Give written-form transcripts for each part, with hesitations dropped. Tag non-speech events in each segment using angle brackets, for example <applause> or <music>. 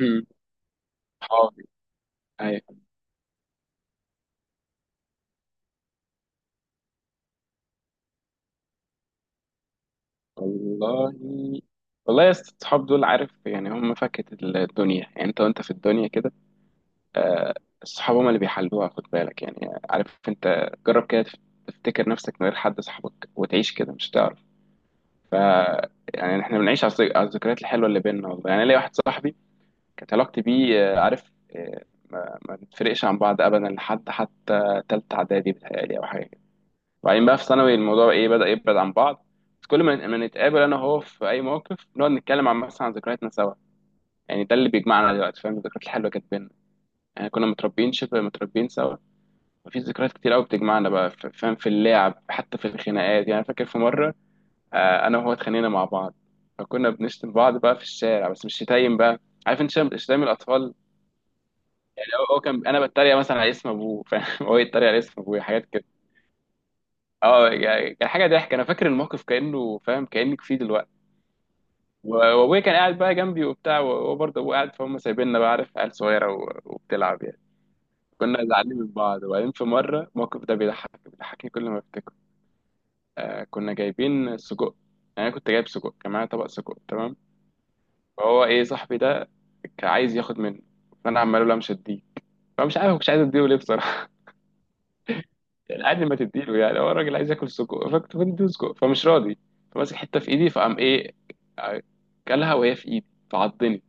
امم صحابي. ايوه. والله. والله يا اسطى، الصحاب دول، عارف يعني، هم فكة الدنيا يعني. انت وانت في الدنيا كده آه، الصحاب هم اللي بيحلوها. خد بالك يعني، عارف انت، جرب كده تفتكر نفسك من غير حد صاحبك وتعيش كده، مش هتعرف. ف يعني احنا بنعيش على على الذكريات الحلوه اللي بيننا. والله يعني ليا واحد صاحبي، كانت علاقتي بيه آه، عارف آه، ما بنتفرقش عن بعض ابدا لحد حتى تالتة اعدادي، بتهيألي او حاجه. وبعدين بقى في ثانوي الموضوع ايه، بدأ يبعد عن بعض. بس كل ما نتقابل انا وهو في اي موقف، نقعد نتكلم عن مثلا عن ذكرياتنا سوا. يعني ده اللي بيجمعنا دلوقتي، فاهم، الذكريات الحلوه اللي كانت بينا. يعني كنا متربيين، شبه متربيين سوا. وفي ذكريات كتير قوي بتجمعنا بقى فاهم، في اللعب حتى في الخناقات. يعني فاكر في مره آه، انا وهو اتخانقنا مع بعض. فكنا بنشتم بعض بقى في الشارع، بس مش شتايم بقى، عارف انت، شتايم شتايم الاطفال. يعني هو كان انا بتريق مثلا على اسم ابوه، فاهم، <laughs> هو يتريق على اسم ابوه، حاجات كده. اه يعني كان حاجه ضحك. انا فاكر الموقف كانه، فاهم، كانك فيه دلوقتي. وابويا كان قاعد بقى جنبي وبتاع، وهو برضه ابويا قاعد، فهم سايبيننا بقى، عارف، عيال صغيره وبتلعب يعني. كنا زعلانين من بعض. وبعدين في مره الموقف ده بيضحكني كل ما افتكره. آه، كنا جايبين سجق. يعني انا كنت جايب سجق، كان معايا طبق سجق، تمام. فهو ايه صاحبي ده، كان عايز ياخد منه. فانا عمال اقول له مش هديه. فمش عارف، مش عايز اديه ليه بصراحه. <laughs> يعني قال لي ما تديله. يعني هو الراجل عايز ياكل سجق، فكنت بديه سجق، فمش راضي. فماسك حته في ايدي، فقام ايه، آه، كلها وهي في ايدي، فعضني.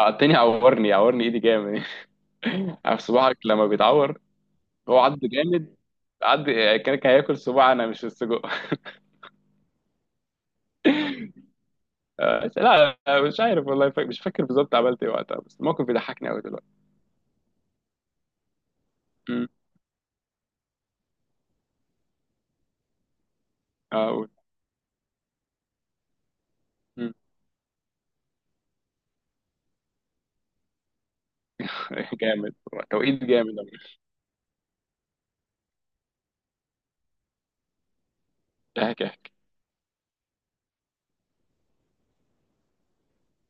عضني، عورني، عورني ايدي جامد. عارف صباعك لما بيتعور؟ هو عض جامد. عض. كان هياكل صباع انا مش السجق. <laughs> آه، لا لا، مش عارف والله. مش فاكر بالظبط عملت ايه وقتها، بس الموقف بيضحكني قوي دلوقتي. امم. اه، أقول. أمم. <laughs> جامد. توقيت جامد أوي. احكي احكي.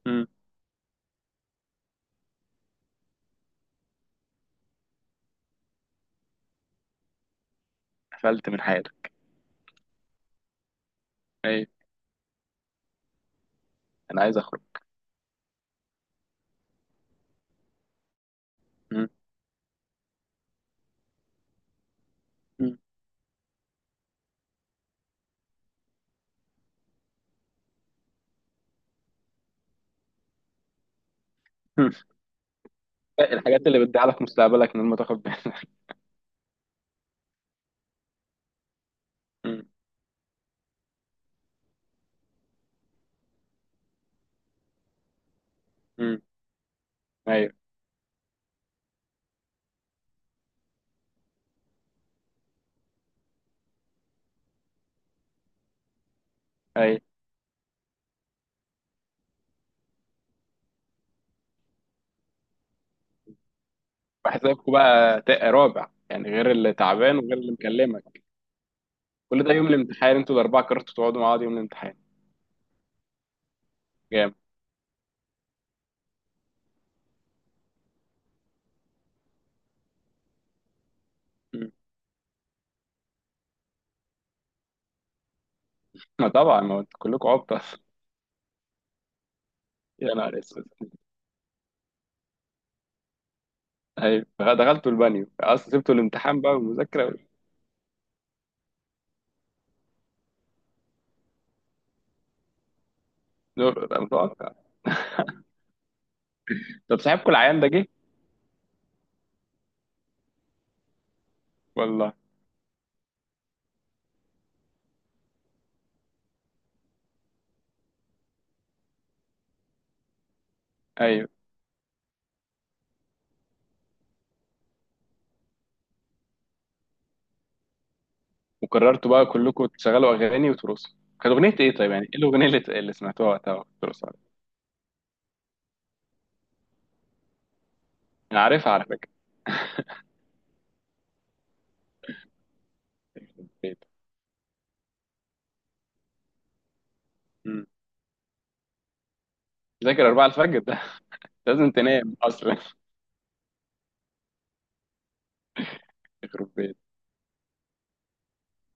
امم. قفلت من حياتك. اي، انا عايز اخرج. أمم. أمم. <laughs> الحاجات اللي بتضيعلك مستقبلك من غير ما تاخد بالك. أمم. أمم. <laughs> ايوه ايوه. بحسابكم بقى رابع يعني، غير اللي تعبان وغير اللي مكلمك؟ كل ده يوم الامتحان؟ انتوا الاربعه كرهتوا تقعدوا مع بعض يوم الامتحان. جامد. مم. ما طبعا، ما انتوا كلكم عبط اصلا. <laughs> يا نهار اسود. ايوه. دخلتوا البانيو اصلا، سبتوا الامتحان بقى والمذاكره؟ نور، انا متوقع. طب صاحبكم العيان ده جه؟ والله. ايوه. وقررتوا بقى كلكم تشغلوا اغاني وترقصوا؟ كانت اغنيه ايه طيب، يعني ايه الاغنيه اللي اللي سمعتوها وقتها وأنتوا بترقصوا عليها؟ انا عارفها على فكره. يخرب بيت. مم. ذاكر 4 الفجر ده؟ <laughs> لازم تنام اصلا. <laughs> يخرب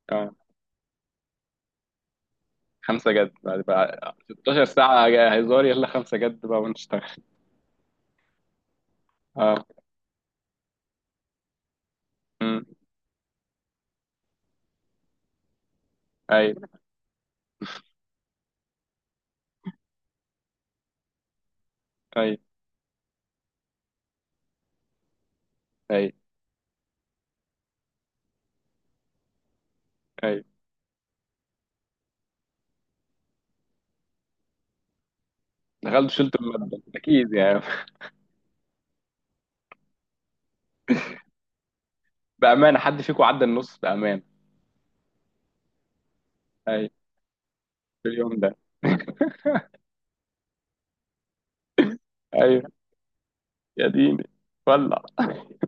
بيت. خمسة جد، بعد بقى 16 ساعة؟ هزار، يلا خمسة جد بقى ونشتغل. اه. أمم. اي. اي. اي. اي. دخلت شلت المادة اكيد يعني. <laughs> بأمانة، حد فيكم عدى النص بأمانة؟ اي. في اليوم ده. <laughs> ايوه. يا ديني. ولع. <laughs>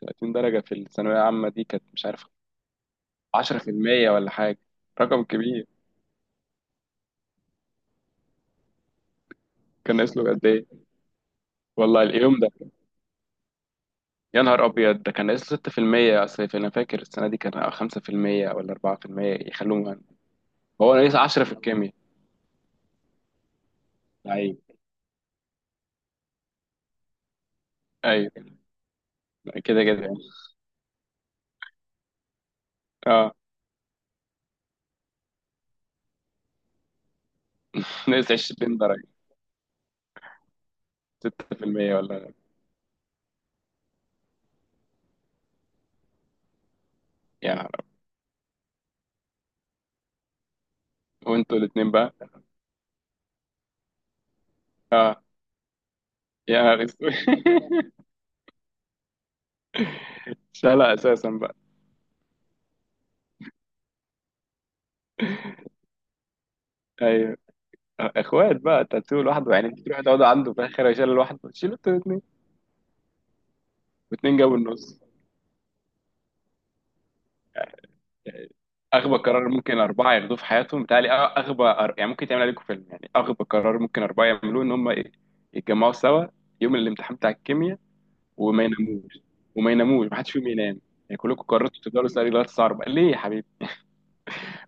30 درجة في الثانوية العامة دي كانت، مش عارف، 10% ولا حاجة. رقم كبير. كان ناقص له قد ايه؟ والله اليوم ده. يا نهار ابيض، ده كان ناقص له 6%. اصل انا فاكر السنة دي كان 5% ولا 4% يخلوه. هو ناقص 10 في الكيمياء. لعيب. ايوه. كده كده يعني. اه. <laughs> ناقص 20 درجة، 6% ولا؟ يعني. وانتوا الاتنين بقى. اه. يا نهار اسود. <laughs> شالها اساسا بقى. ايوه. اخوات بقى. انت هتسيبه لوحده يعني، انت تروح تقعد عنده في الاخر، شال لوحده، شيلوا انتوا الاتنين. واتنين جابوا النص يعني. اغبى قرار ممكن اربعه ياخدوه في حياتهم بتهيألي، يعني ممكن تعمل عليكم فيلم. يعني اغبى قرار ممكن اربعه يعملوه ان هم يتجمعوا سوا يوم الامتحان بتاع الكيمياء. وما يناموش، وما يناموش، محدش فيهم ينام. يعني كلكم قررتوا تفضلوا سهرانين لغايه الساعه 4 ليه يا حبيبي؟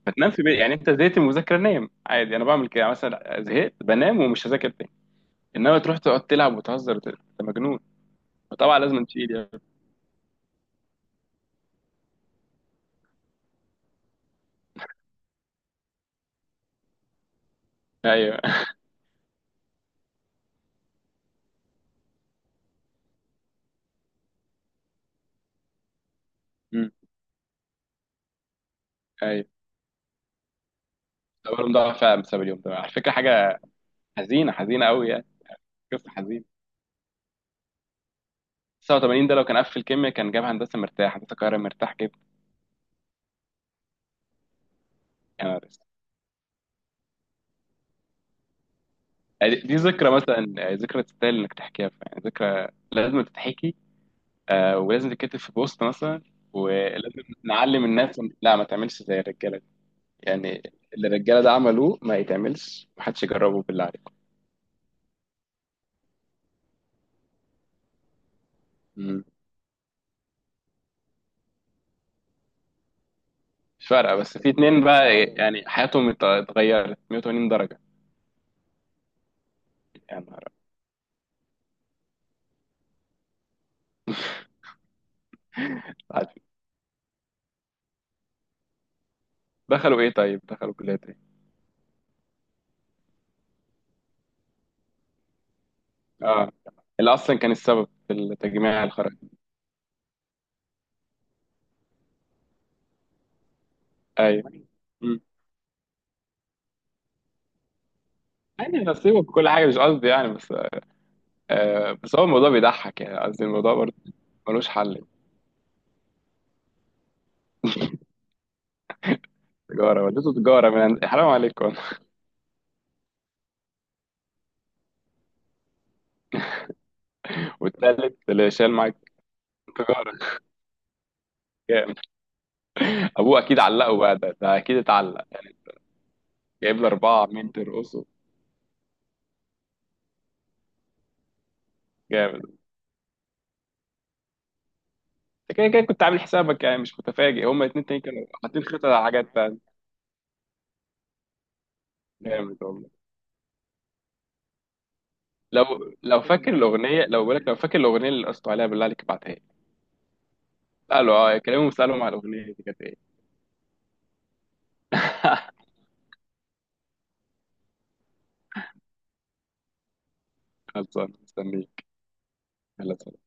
ما تنام في بيت يعني. انت زهقت من المذاكره، نام عادي. انا بعمل كده مثلا، زهقت بنام ومش هذاكر تاني. انما تروح تقعد تلعب وتهزر انت مجنون. فطبعا لازم تشيل يعني. ايوه. <laughs> أمم. ايوه. التورم ضاع فعلا بسبب اليوم ده على فكره. حاجه حزينه، حزينه قوي يعني. قصه حزينه. 89 ده لو كان قفل كيميا كان جاب هندسه مرتاح، هندسه القاهره مرتاح جدا. يعني دي ذكرى مثلا، يعني ذكرى تستاهل انك تحكيها، يعني ذكرى لازم تتحكي آه، ولازم تتكتب في بوست مثلا. ولازم نعلم الناس لا، ما تعملش زي الرجاله دي. يعني اللي الرجاله ده عملوه، ما يتعملش، محدش يجربه بالله عليكم. مم. مش فارقه، بس في اتنين بقى يعني حياتهم اتغيرت 180 درجه. يعني عادي. دخلوا ايه طيب، دخلوا كليات ايه؟ اه. اللي اصلا كان السبب في التجميع، الخرج. ايوه. مم. يعني نصيبه بكل حاجه، مش قصدي يعني بس. آه، بس هو الموضوع بيضحك يعني، قصدي الموضوع برضه. ملوش حل. تجاره، والدته تجاره حرام عليكم. والتالت اللي شال معاك. انفجارك. جامد. ابوه اكيد علقه بقى ده, اكيد اتعلق. جايب له اربعه مين ترقصه. جامد. انت كده كده كنت عامل حسابك يعني، مش متفاجئ. هما الاتنين تاني كانوا حاطين خطط على حاجات تانية. جامد والله. لو فاكر الاغنيه، لو بقولك لو فاكر الاغنيه اللي قصته عليها بالله عليك ابعتها لي. قالوا اه، كلمهم اسالهم على الاغنيه دي كانت ايه. <laughs> خلصان مستنيك. يلا سلام.